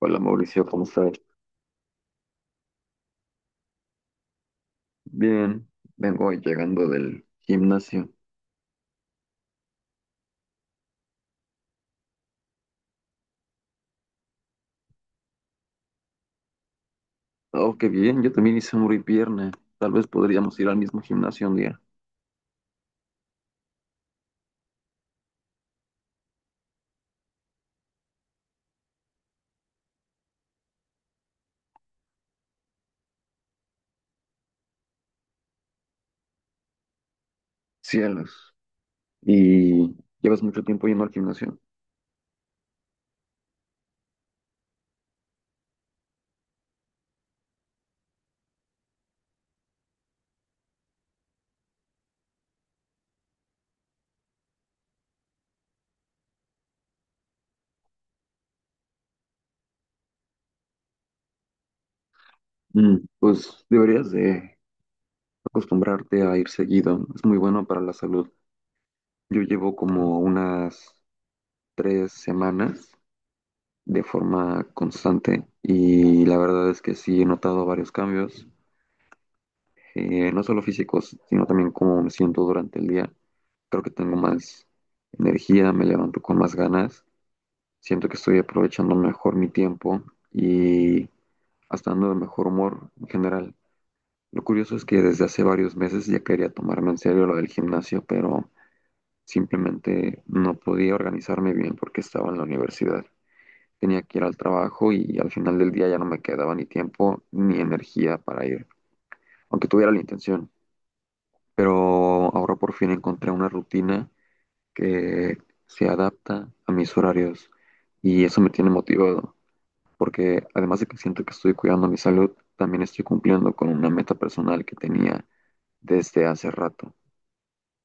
Hola Mauricio, ¿cómo estás? Bien, vengo llegando del gimnasio. Oh, qué bien, yo también hice muy pierna. Tal vez podríamos ir al mismo gimnasio un día. Cielos. ¿Y llevas mucho tiempo yendo al gimnasio? Mm, pues deberías de acostumbrarte a ir seguido. Es muy bueno para la salud. Yo llevo como unas 3 semanas de forma constante y la verdad es que sí he notado varios cambios. No solo físicos, sino también cómo me siento durante el día. Creo que tengo más energía, me levanto con más ganas, siento que estoy aprovechando mejor mi tiempo y hasta ando de mejor humor en general. Lo curioso es que desde hace varios meses ya quería tomarme en serio lo del gimnasio, pero simplemente no podía organizarme bien porque estaba en la universidad. Tenía que ir al trabajo y al final del día ya no me quedaba ni tiempo ni energía para ir, aunque tuviera la intención. Pero ahora por fin encontré una rutina que se adapta a mis horarios y eso me tiene motivado, porque además de que siento que estoy cuidando mi salud, también estoy cumpliendo con una meta personal que tenía desde hace rato.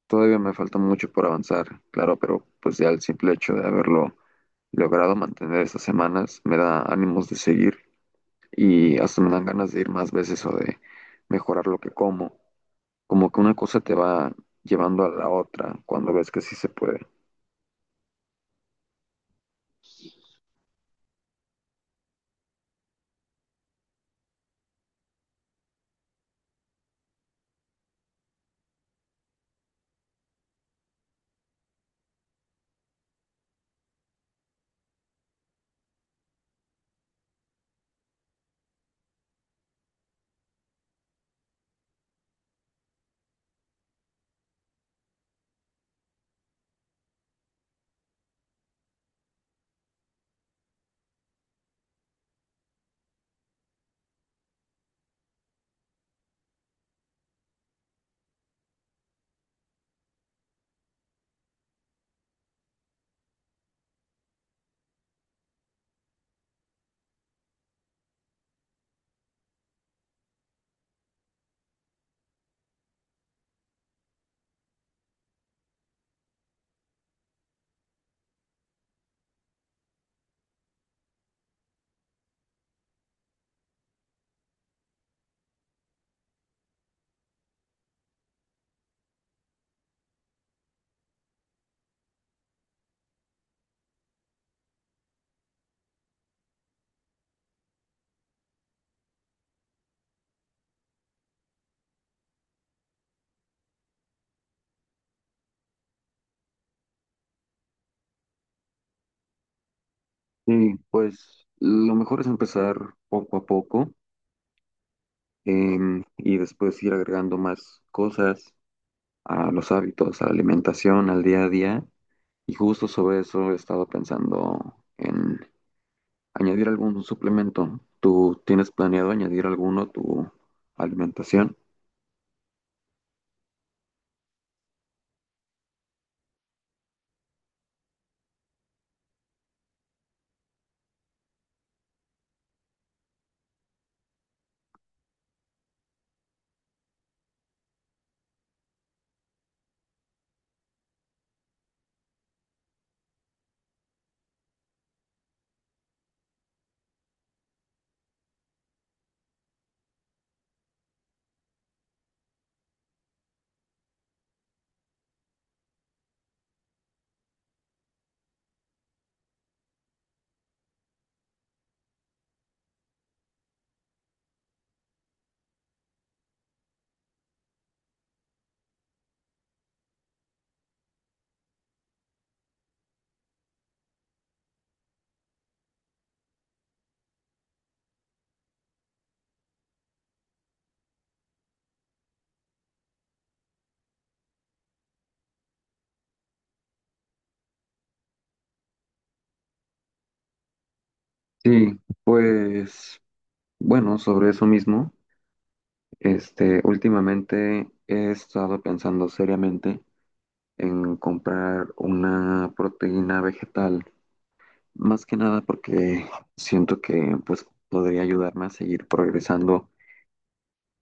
Todavía me falta mucho por avanzar, claro, pero pues ya el simple hecho de haberlo logrado mantener estas semanas me da ánimos de seguir y hasta me dan ganas de ir más veces o de mejorar lo que como. Como que una cosa te va llevando a la otra cuando ves que sí se puede. Sí, pues lo mejor es empezar poco a poco, y después ir agregando más cosas a los hábitos, a la alimentación, al día a día. Y justo sobre eso he estado pensando en añadir algún suplemento. ¿Tú tienes planeado añadir alguno a tu alimentación? Sí, pues bueno, sobre eso mismo, este, últimamente he estado pensando seriamente en comprar una proteína vegetal, más que nada porque siento que pues podría ayudarme a seguir progresando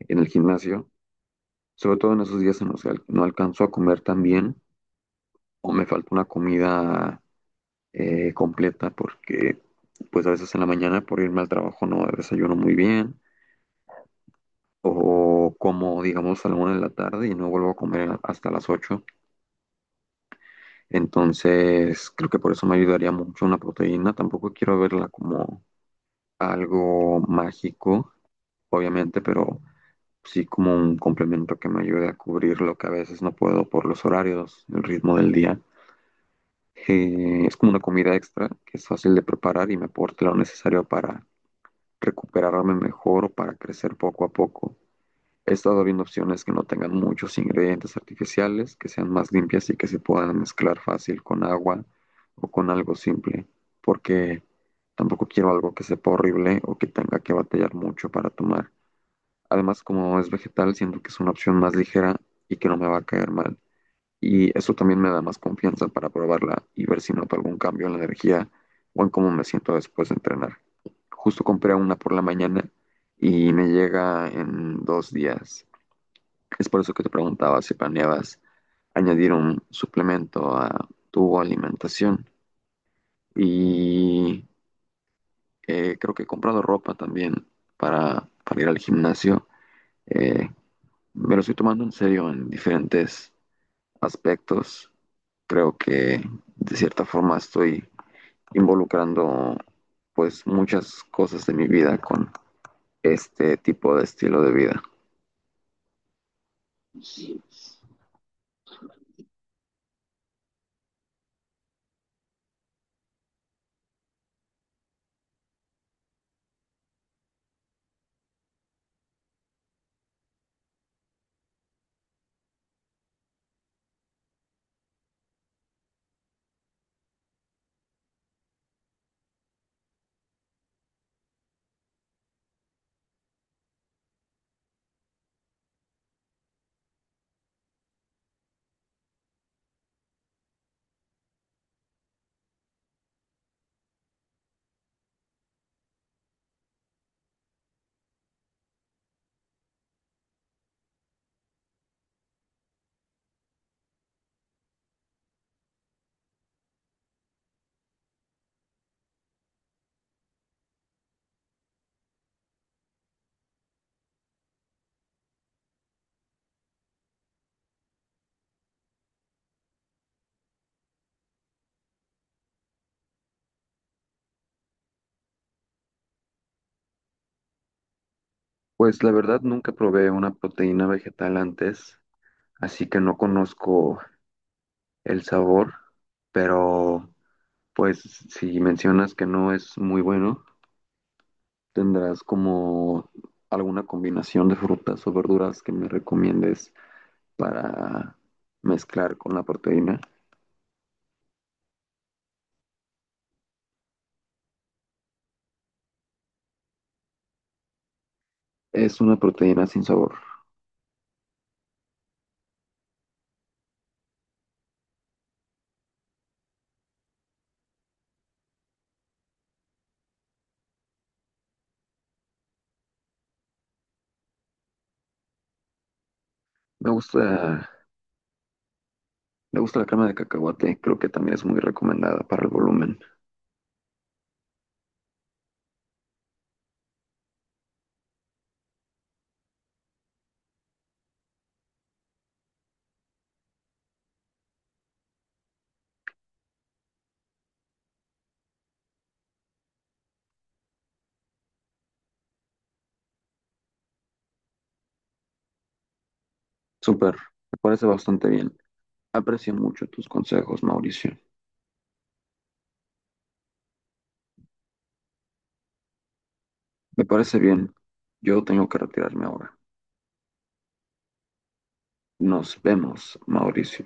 en el gimnasio, sobre todo en esos días en los que no alcanzo a comer tan bien. O me falta una comida completa, porque pues a veces en la mañana por irme al trabajo no desayuno muy bien, o como digamos a la 1 de la tarde y no vuelvo a comer hasta las 8. Entonces creo que por eso me ayudaría mucho una proteína. Tampoco quiero verla como algo mágico, obviamente, pero sí como un complemento que me ayude a cubrir lo que a veces no puedo por los horarios, el ritmo del día. Es como una comida extra que es fácil de preparar y me aporta lo necesario para recuperarme mejor o para crecer poco a poco. He estado viendo opciones que no tengan muchos ingredientes artificiales, que sean más limpias y que se puedan mezclar fácil con agua o con algo simple, porque tampoco quiero algo que sepa horrible o que tenga que batallar mucho para tomar. Además, como es vegetal, siento que es una opción más ligera y que no me va a caer mal. Y eso también me da más confianza para probarla y ver si noto algún cambio en la energía o en cómo me siento después de entrenar. Justo compré una por la mañana y me llega en 2 días. Es por eso que te preguntaba si planeabas añadir un suplemento a tu alimentación. Y creo que he comprado ropa también para, ir al gimnasio. Eh, Me lo estoy tomando en serio en diferentes aspectos. Creo que de cierta forma estoy involucrando pues muchas cosas de mi vida con este tipo de estilo de vida. Pues la verdad nunca probé una proteína vegetal antes, así que no conozco el sabor, pero pues si mencionas que no es muy bueno, ¿tendrás como alguna combinación de frutas o verduras que me recomiendes para mezclar con la proteína? Es una proteína sin sabor. Me gusta, me gusta la crema de cacahuate, creo que también es muy recomendada para el volumen. Súper, me parece bastante bien. Aprecio mucho tus consejos, Mauricio. Me parece bien. Yo tengo que retirarme ahora. Nos vemos, Mauricio.